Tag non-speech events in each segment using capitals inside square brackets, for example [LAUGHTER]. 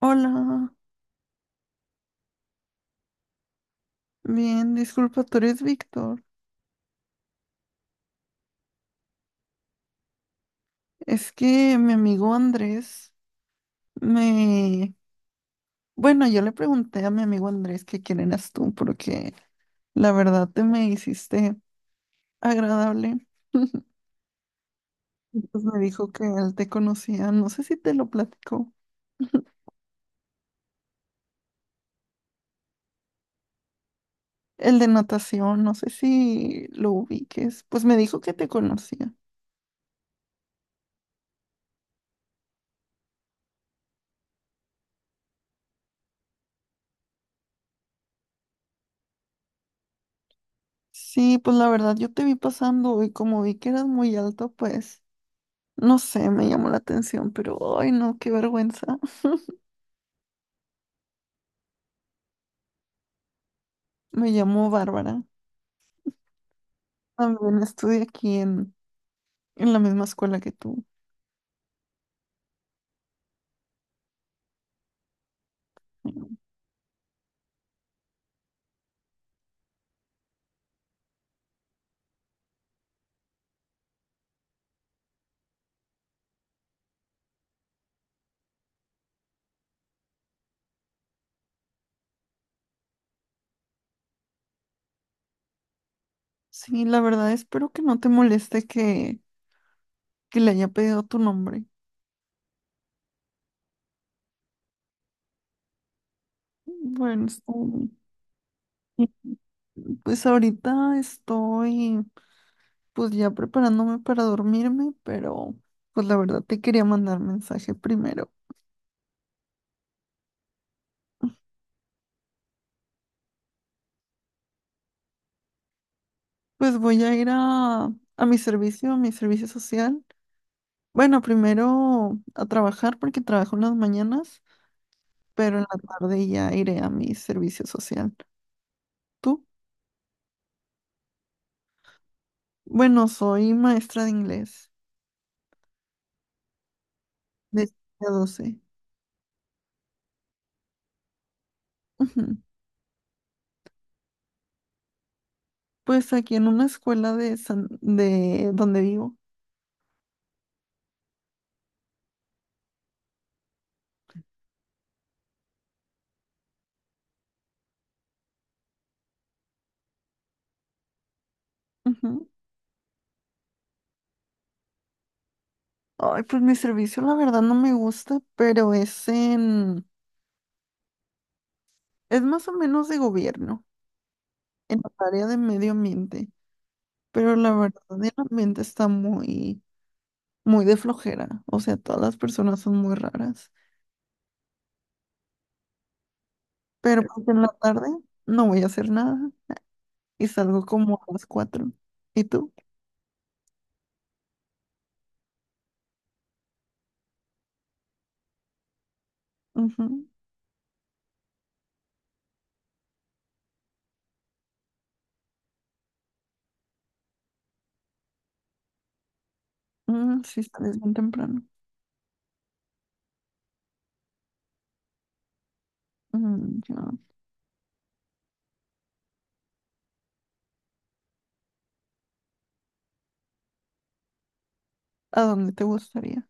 Hola, bien, disculpa, tú eres Víctor. Es que mi amigo Andrés me... Bueno, yo le pregunté a mi amigo Andrés que quién eras tú, porque la verdad te me hiciste agradable. Pues me dijo que él te conocía, no sé si te lo platicó. El de natación, no sé si lo ubiques. Pues me dijo que te conocía. Sí, pues la verdad yo te vi pasando y como vi que eras muy alto, pues no sé, me llamó la atención, pero ay no, qué vergüenza. Me llamo Bárbara. También estudié aquí en la misma escuela que tú. Sí, la verdad espero que no te moleste que le haya pedido tu nombre. Bueno, está bien. Y pues ahorita estoy pues ya preparándome para dormirme, pero pues la verdad te quería mandar mensaje primero. Pues voy a ir a mi servicio, a mi servicio social. Bueno, primero a trabajar porque trabajo en las mañanas. Pero en la tarde ya iré a mi servicio social. ¿Tú? Bueno, soy maestra de inglés de 7 a 12. Ujú. Pues aquí en una escuela de donde vivo. Ujú. Ay, pues mi servicio la verdad no me gusta, pero es en, es más o menos de gobierno, en la área de medio ambiente. Pero la verdad el ambiente está muy, muy de flojera. O sea, todas las personas son muy raras. Pero pues en la tarde no voy a hacer nada. Y salgo como a las 4. ¿Y tú? Ujú. Mm, sí, sales bien temprano. Mm, ya. ¿A dónde te gustaría?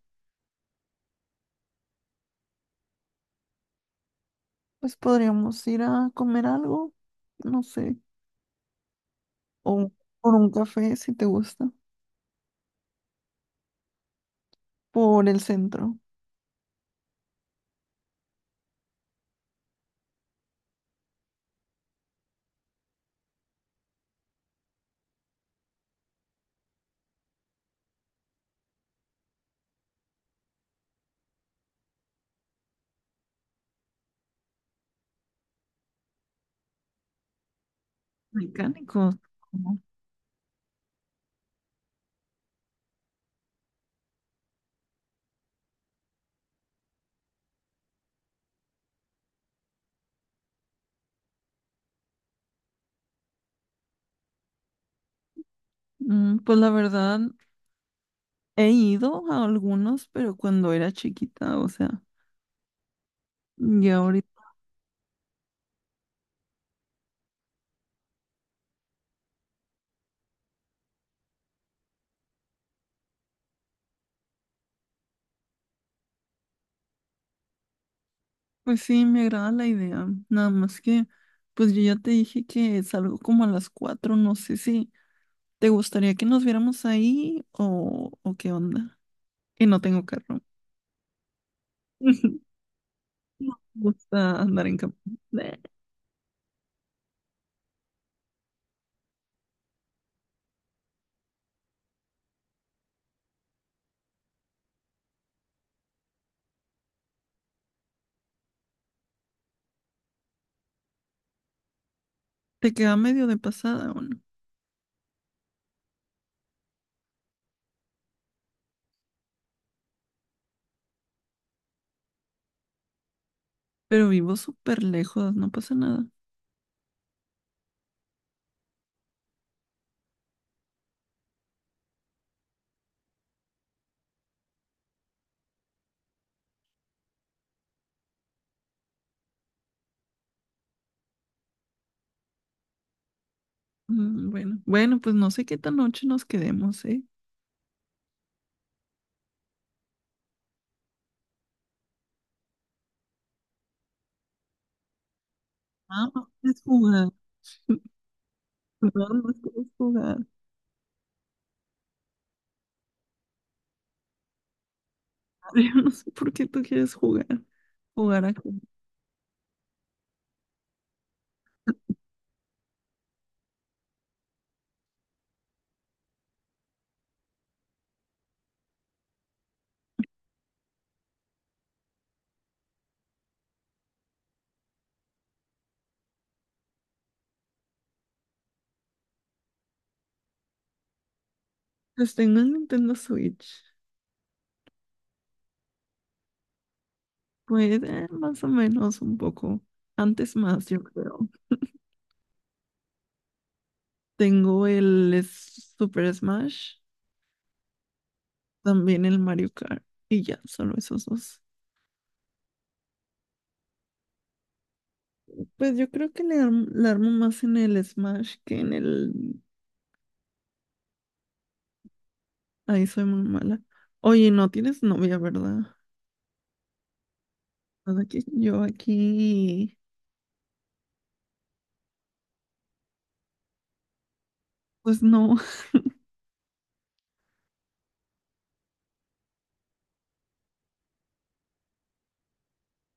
Pues podríamos ir a comer algo, no sé, o por un café si te gusta, por el centro. Mecánicos. ¿No? Mm, pues la verdad, he ido a algunos, pero cuando era chiquita, o sea, y ahorita, pues sí, me agrada la idea. Nada más que, pues yo ya te dije que salgo como a las 4. No sé si... ¿Te gustaría que nos viéramos ahí o qué onda? Y no tengo carro. [LAUGHS] No me gusta andar en campo. Bleh. Te queda medio de pasada o no. Pero vivo súper lejos, no pasa nada. Mm, bueno, bueno, pues no sé qué tan noche nos quedemos, ¿eh? Ah, no quieres jugar. Perdón, no quieres jugar. [LAUGHS] Yo no sé por qué tú quieres jugar. Jugar a qué. Pues tengo el Nintendo Switch. Pues más o menos un poco. Antes más, yo creo. Tengo el Super Smash, también el Mario Kart y ya, solo esos dos. Pues yo creo que le armo más en el Smash que en el... Ahí soy muy mala. Oye, no tienes novia, ¿verdad? Nada que yo aquí... Pues no, [LAUGHS]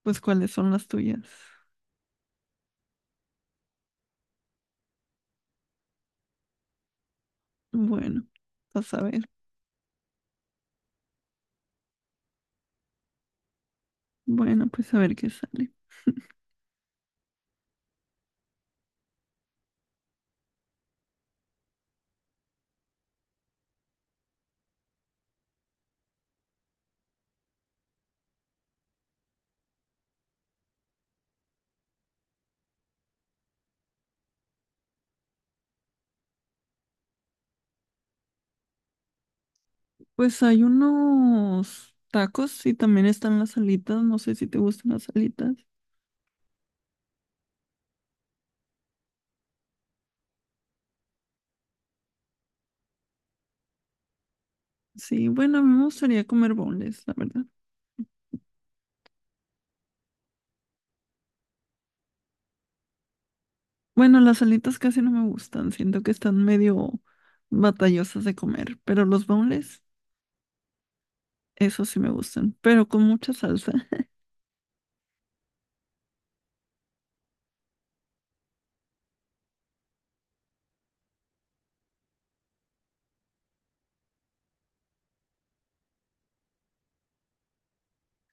pues cuáles son las tuyas. Bueno, vas a ver. Bueno, pues a ver qué sale. Pues hay unos tacos y también están las alitas. No sé si te gustan las alitas. Sí, bueno, a mí me gustaría comer boneless, la verdad. Bueno, las alitas casi no me gustan, siento que están medio batallosas de comer, pero los boneless, esos sí me gustan, pero con mucha salsa. [LAUGHS]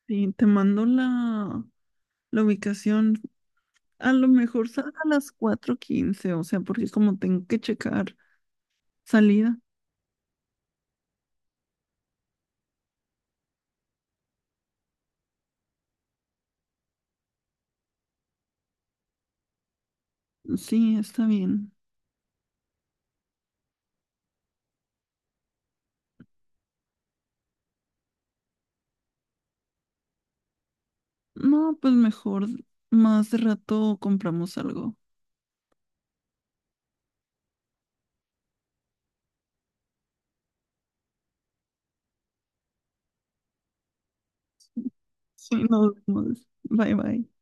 Sí, te mando la ubicación, a lo mejor salga a las 4:15, o sea, porque como tengo que checar salida, sí, está bien. No, pues mejor más de rato compramos algo. Sí, nos vemos. Bye bye.